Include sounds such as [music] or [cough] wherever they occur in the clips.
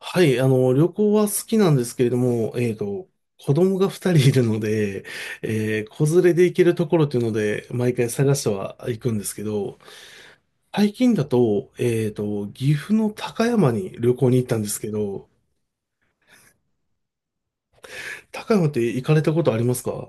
はい、旅行は好きなんですけれども、子供が二人いるので、子連れで行けるところっていうので、毎回探しては行くんですけど、最近だと、岐阜の高山に旅行に行ったんですけど、高山って行かれたことありますか？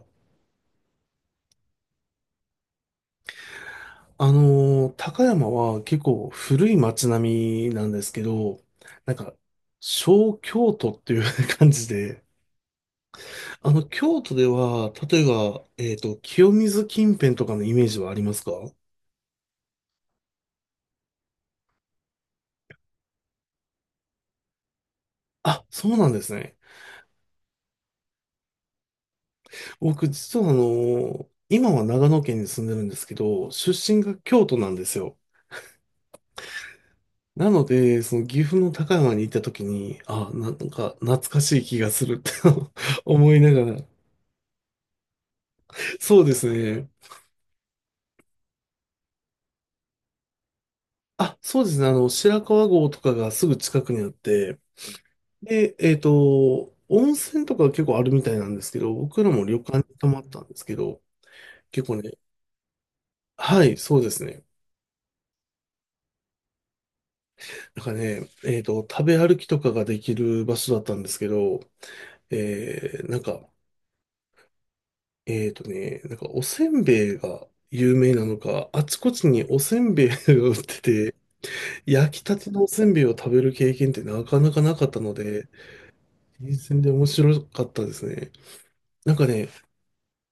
高山は結構古い街並みなんですけど、なんか、小京都っていう [laughs] 感じで、京都では、例えば、清水近辺とかのイメージはありますか？あ、そうなんですね。僕、実は今は長野県に住んでるんですけど、出身が京都なんですよ。なので、その岐阜の高山に行った時に、あ、なんか懐かしい気がするって [laughs] 思いながら。そうですね。あ、そうですね。白川郷とかがすぐ近くにあって、で、温泉とか結構あるみたいなんですけど、僕らも旅館に泊まったんですけど、結構ね、はい、そうですね。なんかね、食べ歩きとかができる場所だったんですけど、えー、なんか、おせんべいが有名なのか、あちこちにおせんべいが売ってて、焼きたてのおせんべいを食べる経験ってなかなかなかったので、新鮮で面白かったですね。なんかね、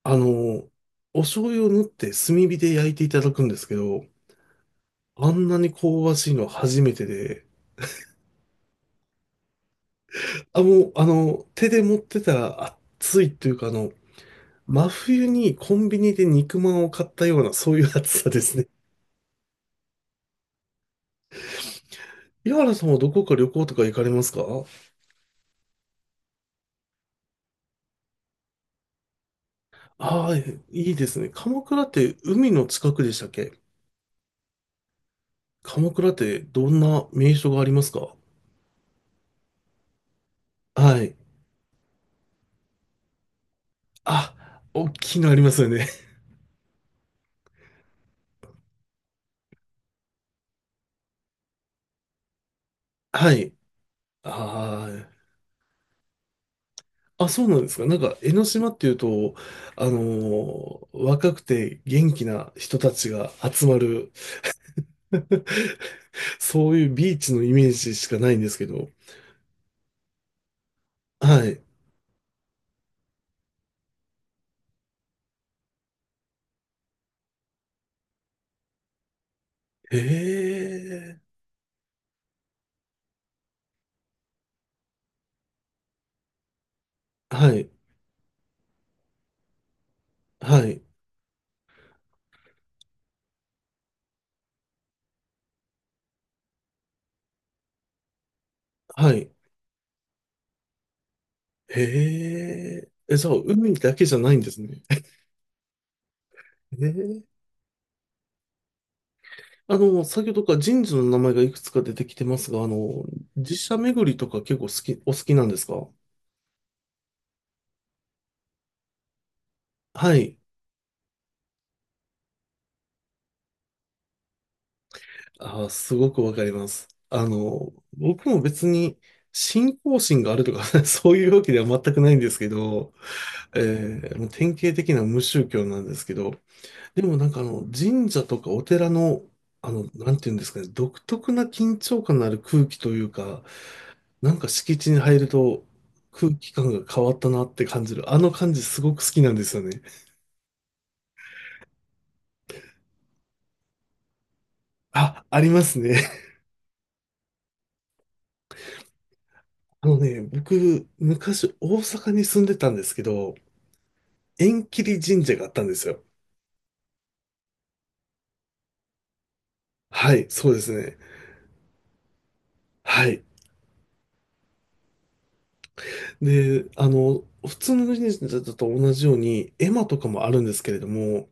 あの、お醤油を塗って炭火で焼いていただくんですけど、あんなに香ばしいのは初めてで、あ、もう、手で持ってたら暑いというか、真冬にコンビニで肉まんを買ったような、そういう暑さですね。岩原さんはどこか旅行とか行かれますか？ああー、いいですね。鎌倉って海の近くでしたっけ？鎌倉ってどんな名所がありますか？はい。あ、大きいのありますよね。[laughs] はい。ああ、あ、そうなんですか。なんか、江ノ島っていうと、若くて元気な人たちが集まる [laughs] そういうビーチのイメージしかないんですけど。はい。へえ。はい。はい。はい。へえ。え、じゃあ、海だけじゃないんですね。[laughs] へえ。先ほどから神社の名前がいくつか出てきてますが、寺社巡りとか結構好き、お好きなんですか？はい。あー、すごくわかります。僕も別に信仰心があるとか [laughs] そういうわけでは全くないんですけど、もう典型的な無宗教なんですけど、でもなんか神社とかお寺の、なんていうんですかね、独特な緊張感のある空気というか、なんか敷地に入ると空気感が変わったなって感じる。あの感じすごく好きなんですよね。あ、ありますね。[laughs] 僕、昔大阪に住んでたんですけど、縁切り神社があったんですよ。はい、そうですね。はい。で、普通の神社と同じように、絵馬とかもあるんですけれども、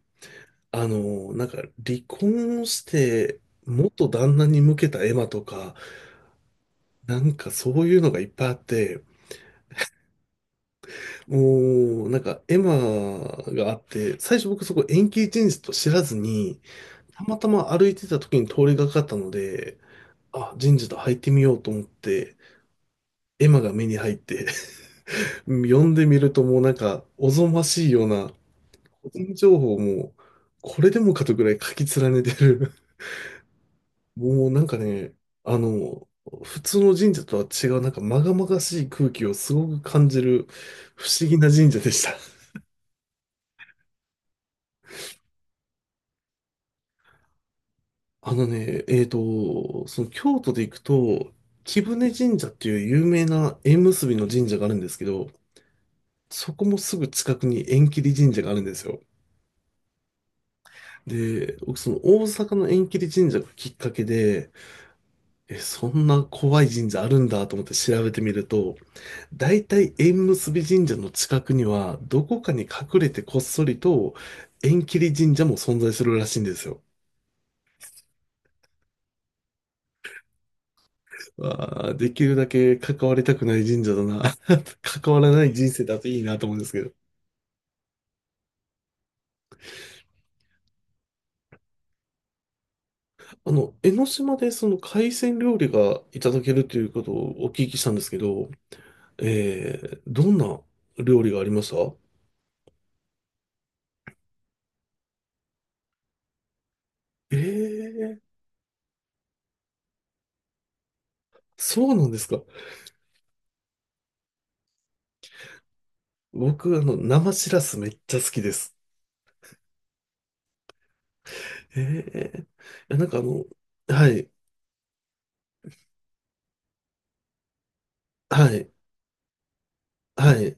あの、なんか離婚して元旦那に向けたエマとか、なんかそういうのがいっぱいあって、もうなんかエマがあって、最初僕そこ延期人事と知らずに、たまたま歩いてた時に通りがかったので、あ、人事と入ってみようと思って、エマが目に入って [laughs] 読んでみるともうなんかおぞましいような、個人情報もこれでもかとぐらい書き連ねてる。もうなんかね、あの、普通の神社とは違う、なんか禍々しい空気をすごく感じる [laughs] 不思議な神社でした。[laughs] あのね、えっと、その京都で行くと、貴船神社っていう有名な縁結びの神社があるんですけど、そこもすぐ近くに縁切り神社があるんですよ。で、僕その大阪の縁切り神社がきっかけで、え、そんな怖い神社あるんだと思って調べてみると、大体縁結び神社の近くには、どこかに隠れてこっそりと縁切り神社も存在するらしいんですよ。わあ、できるだけ関わりたくない神社だな。[laughs] 関わらない人生だといいなと思うんですけど。江ノ島でその海鮮料理がいただけるということをお聞きしたんですけど、えー、どんな料理がありました？えー、そうなんですか。僕、生しらすめっちゃ好きです。えー、いや、なんかはい。はい。はい。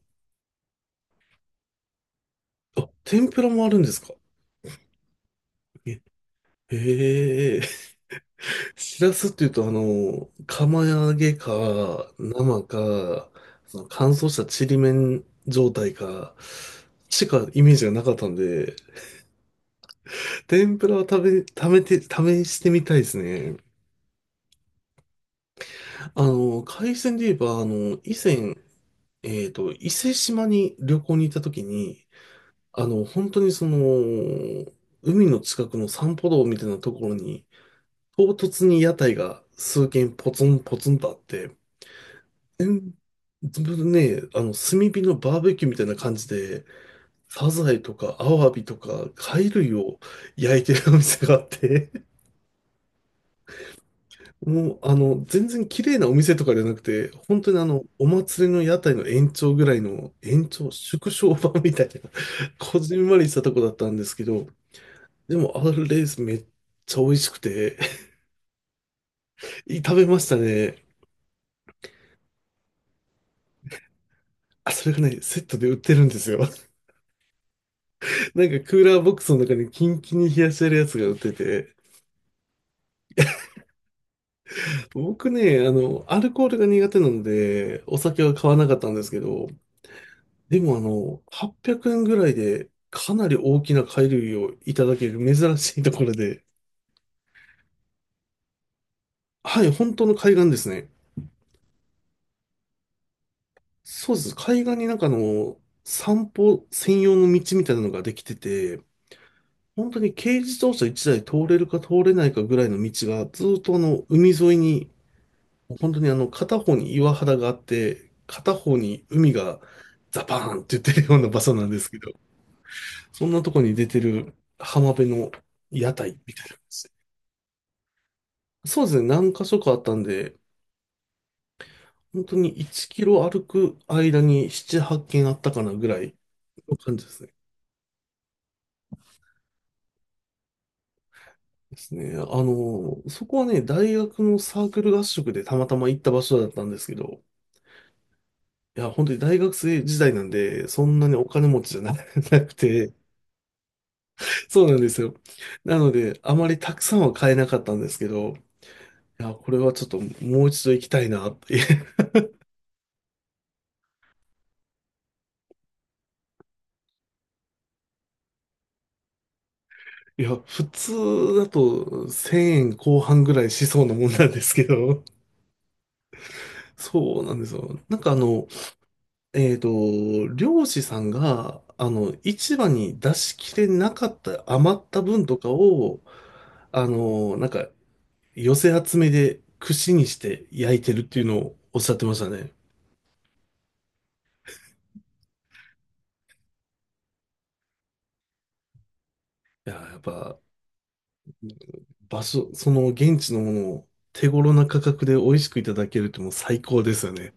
あ、天ぷらもあるんですか？え、へえ。[laughs] しらすっていうと、釜揚げか、生か、その乾燥したちりめん状態か、しかイメージがなかったんで、天ぷらは食べて、試してみたいですね。海鮮で言えば、以前、伊勢島に旅行に行った時に、本当にその、海の近くの散歩道みたいなところに、唐突に屋台が数軒ポツンポツンとあって、えんね、あの、炭火のバーベキューみたいな感じで、サザエとかアワビとか貝類を焼いてるお店があって、[laughs] もう、全然綺麗なお店とかじゃなくて、本当にお祭りの屋台の延長ぐらいの、縮小版みたいな、[laughs] こじんまりしたとこだったんですけど、でも、あれレースめっちゃ美味しくて、[laughs] 食べましたね。あ、それがね、セットで売ってるんですよ。なんかクーラーボックスの中にキンキンに冷やしてるやつが売ってて、僕ね、アルコールが苦手なので、お酒は買わなかったんですけど、でも800円ぐらいでかなり大きな貝類をいただける珍しいところで、はい、本当の海岸ですね。そうです。海岸になんか散歩専用の道みたいなのができてて、本当に軽自動車1台通れるか通れないかぐらいの道がずっと海沿いに本当に片方に岩肌があって、片方に海がザパーンって言ってるような場所なんですけど、そんなとこに出てる浜辺の屋台みたいなんですね。そうですね、何箇所かあったんで、本当に1キロ歩く間に7、8軒あったかなぐらいの感じですね。ですね。そこはね、大学のサークル合宿でたまたま行った場所だったんですけど、いや、本当に大学生時代なんで、そんなにお金持ちじゃな [laughs] なくて、そうなんですよ。なので、あまりたくさんは買えなかったんですけど、いや、これはちょっともう一度行きたいなって。[laughs] いや、普通だと1000円後半ぐらいしそうなもんなんですけど、そうなんですよ。なんかえっと、漁師さんが、市場に出しきれなかった余った分とかを、あの、なんか、寄せ集めで串にして焼いてるっていうのをおっしゃってましたね。いや、やっぱ、場所、その現地のものを手頃な価格で美味しくいただけるってもう最高ですよね。